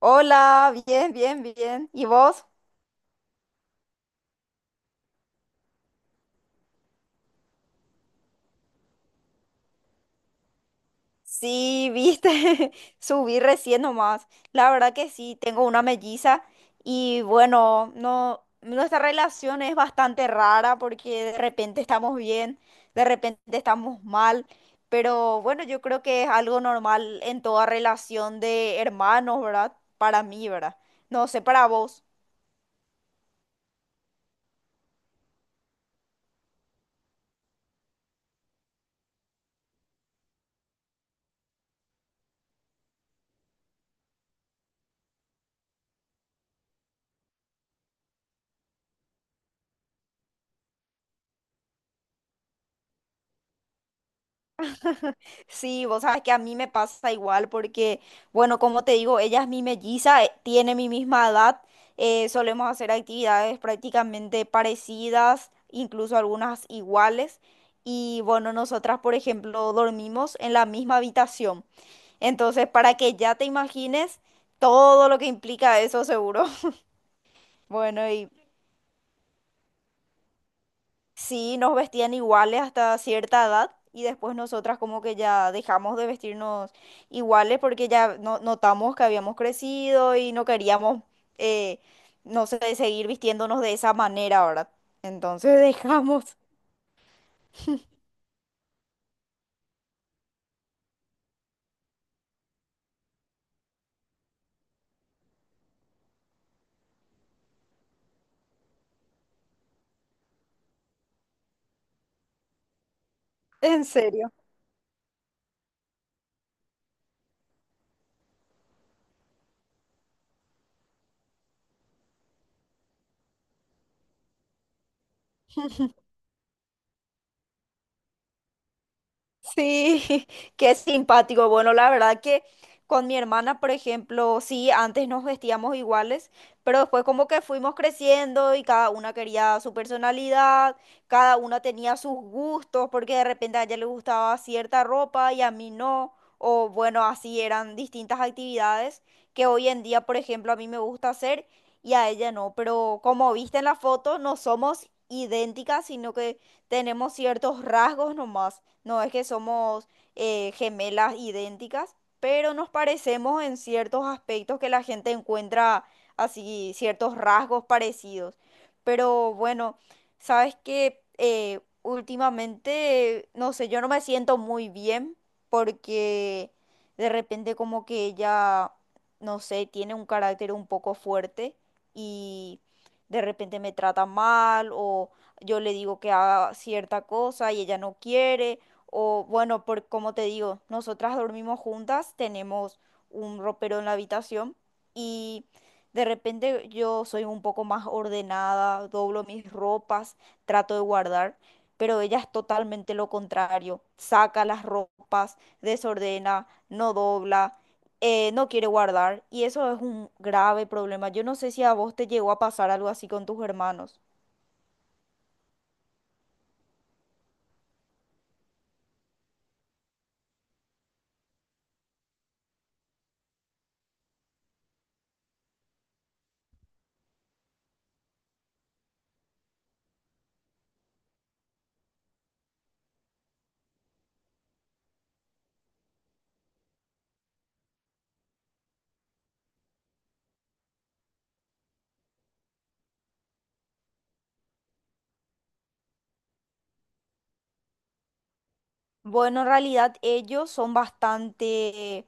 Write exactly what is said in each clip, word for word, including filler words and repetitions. Hola, bien, bien, bien. ¿Y vos? Sí, viste, subí recién nomás. La verdad que sí, tengo una melliza y bueno, no, nuestra relación es bastante rara porque de repente estamos bien, de repente estamos mal, pero bueno, yo creo que es algo normal en toda relación de hermanos, ¿verdad? Para mí, ¿verdad? No sé, para vos. Sí, vos sabes que a mí me pasa igual porque, bueno, como te digo, ella es mi melliza, eh, tiene mi misma edad, eh, solemos hacer actividades prácticamente parecidas, incluso algunas iguales, y bueno, nosotras, por ejemplo, dormimos en la misma habitación. Entonces, para que ya te imagines todo lo que implica eso, seguro. Bueno, y sí, nos vestían iguales hasta cierta edad y después nosotras como que ya dejamos de vestirnos iguales porque ya no- notamos que habíamos crecido y no queríamos, eh, no sé, seguir vistiéndonos de esa manera ahora. Entonces dejamos, en serio. Sí, qué simpático. Bueno, la verdad que con mi hermana, por ejemplo, sí, antes nos vestíamos iguales, pero después como que fuimos creciendo y cada una quería su personalidad, cada una tenía sus gustos, porque de repente a ella le gustaba cierta ropa y a mí no, o bueno, así eran distintas actividades que hoy en día, por ejemplo, a mí me gusta hacer y a ella no, pero como viste en la foto, no somos idénticas, sino que tenemos ciertos rasgos nomás. No es que somos eh, gemelas idénticas, pero nos parecemos en ciertos aspectos que la gente encuentra así, ciertos rasgos parecidos. Pero bueno, sabes que últimamente, no sé, yo no me siento muy bien porque de repente como que ella, no sé, tiene un carácter un poco fuerte y de repente me trata mal o yo le digo que haga cierta cosa y ella no quiere. O bueno, por como te digo, nosotras dormimos juntas, tenemos un ropero en la habitación y de repente yo soy un poco más ordenada, doblo mis ropas, trato de guardar, pero ella es totalmente lo contrario. Saca las ropas, desordena, no dobla, eh, no quiere guardar y eso es un grave problema. Yo no sé si a vos te llegó a pasar algo así con tus hermanos. Bueno, en realidad ellos son bastante,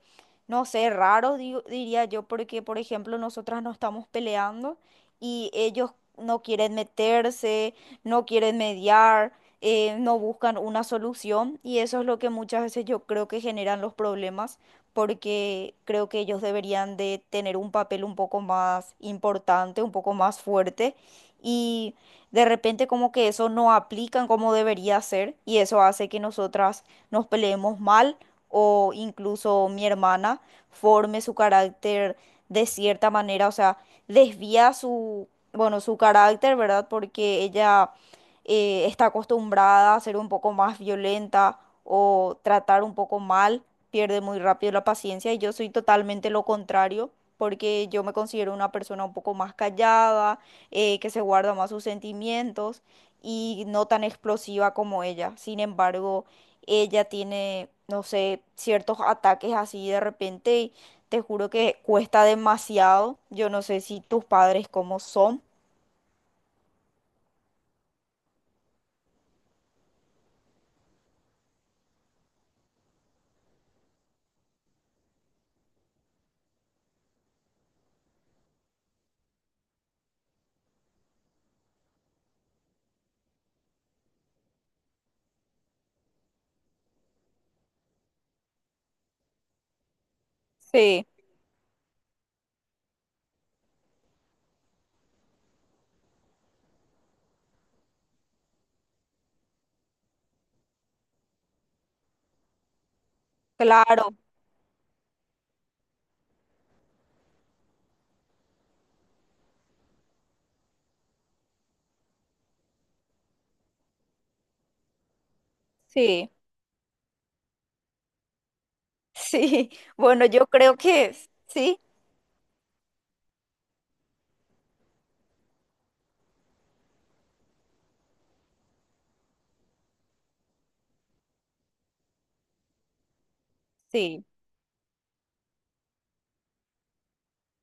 no sé, raros, digo- diría yo, porque, por ejemplo, nosotras no estamos peleando y ellos no quieren meterse, no quieren mediar, eh, no buscan una solución y eso es lo que muchas veces yo creo que generan los problemas, porque creo que ellos deberían de tener un papel un poco más importante, un poco más fuerte y de repente como que eso no aplican como debería ser y eso hace que nosotras nos peleemos mal o incluso mi hermana forme su carácter de cierta manera, o sea, desvía su, bueno, su carácter, ¿verdad? Porque ella eh, está acostumbrada a ser un poco más violenta o tratar un poco mal, pierde muy rápido la paciencia y yo soy totalmente lo contrario. Porque yo me considero una persona un poco más callada, eh, que se guarda más sus sentimientos y no tan explosiva como ella. Sin embargo, ella tiene, no sé, ciertos ataques así de repente y te juro que cuesta demasiado. Yo no sé si tus padres cómo son. Sí, claro, sí, sí. Bueno, yo creo que sí. Sí.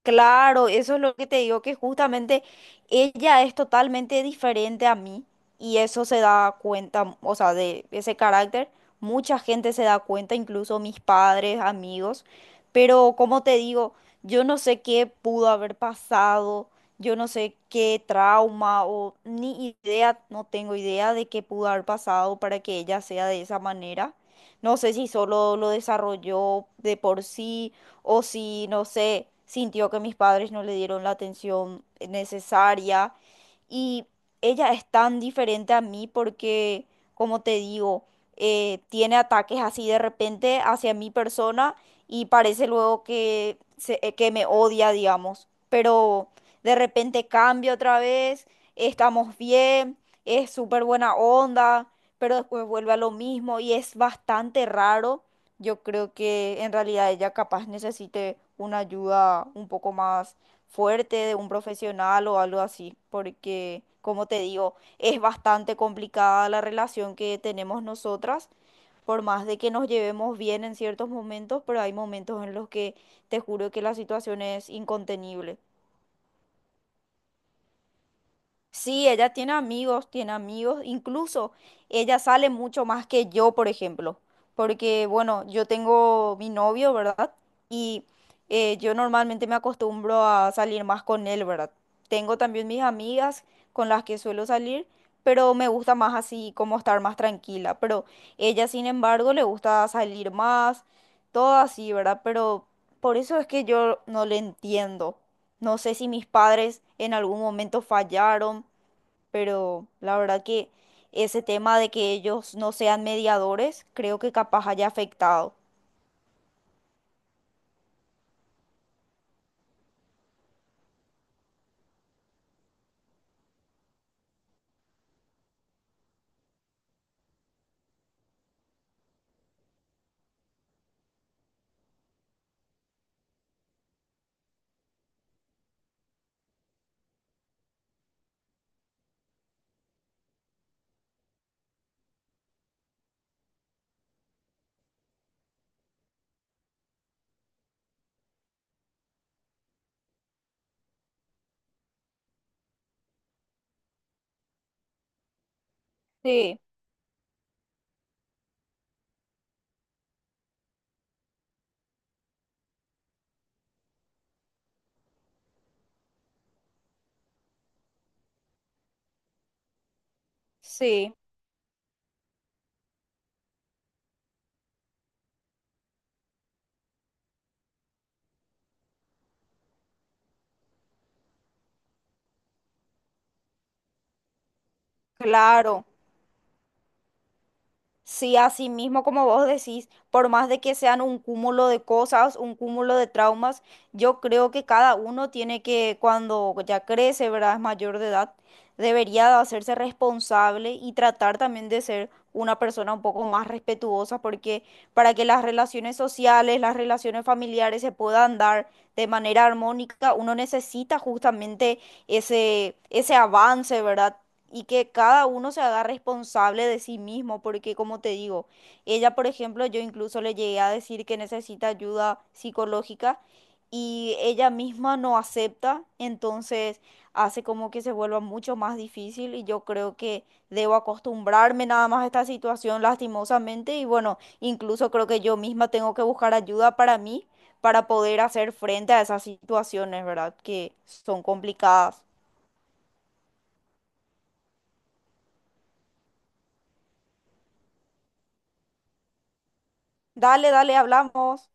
Claro, eso es lo que te digo, que justamente ella es totalmente diferente a mí y eso se da cuenta, o sea, de ese carácter, mucha gente se da cuenta, incluso mis padres, amigos, pero como te digo, yo no sé qué pudo haber pasado, yo no sé qué trauma o ni idea, no tengo idea de qué pudo haber pasado para que ella sea de esa manera. No sé si solo lo desarrolló de por sí o si, no sé, sintió que mis padres no le dieron la atención necesaria. Y ella es tan diferente a mí porque, como te digo, eh, tiene ataques así de repente hacia mi persona y parece luego que, se- eh, que me odia, digamos. Pero de repente cambia otra vez, estamos bien, es súper buena onda, pero después vuelve a lo mismo y es bastante raro. Yo creo que en realidad ella capaz necesite una ayuda un poco más fuerte de un profesional o algo así, porque como te digo, es bastante complicada la relación que tenemos nosotras, por más de que nos llevemos bien en ciertos momentos, pero hay momentos en los que te juro que la situación es incontenible. Sí, ella tiene amigos, tiene amigos, incluso ella sale mucho más que yo, por ejemplo, porque bueno, yo tengo mi novio, ¿verdad? Y eh, yo normalmente me acostumbro a salir más con él, ¿verdad? Tengo también mis amigas con las que suelo salir, pero me gusta más así como estar más tranquila, pero ella, sin embargo, le gusta salir más, todo así, ¿verdad? Pero por eso es que yo no le entiendo. No sé si mis padres en algún momento fallaron, pero la verdad que ese tema de que ellos no sean mediadores, creo que capaz haya afectado. Sí, sí. Claro. Sí, así mismo como vos decís, por más de que sean un cúmulo de cosas, un cúmulo de traumas, yo creo que cada uno tiene que, cuando ya crece, ¿verdad? Es mayor de edad, debería de hacerse responsable y tratar también de ser una persona un poco más respetuosa, porque para que las relaciones sociales, las relaciones familiares se puedan dar de manera armónica, uno necesita justamente ese, ese avance, ¿verdad? Y que cada uno se haga responsable de sí mismo, porque como te digo, ella, por ejemplo, yo incluso le llegué a decir que necesita ayuda psicológica y ella misma no acepta, entonces hace como que se vuelva mucho más difícil y yo creo que debo acostumbrarme nada más a esta situación lastimosamente y bueno, incluso creo que yo misma tengo que buscar ayuda para mí para poder hacer frente a esas situaciones, ¿verdad? Que son complicadas. Dale, dale, hablamos.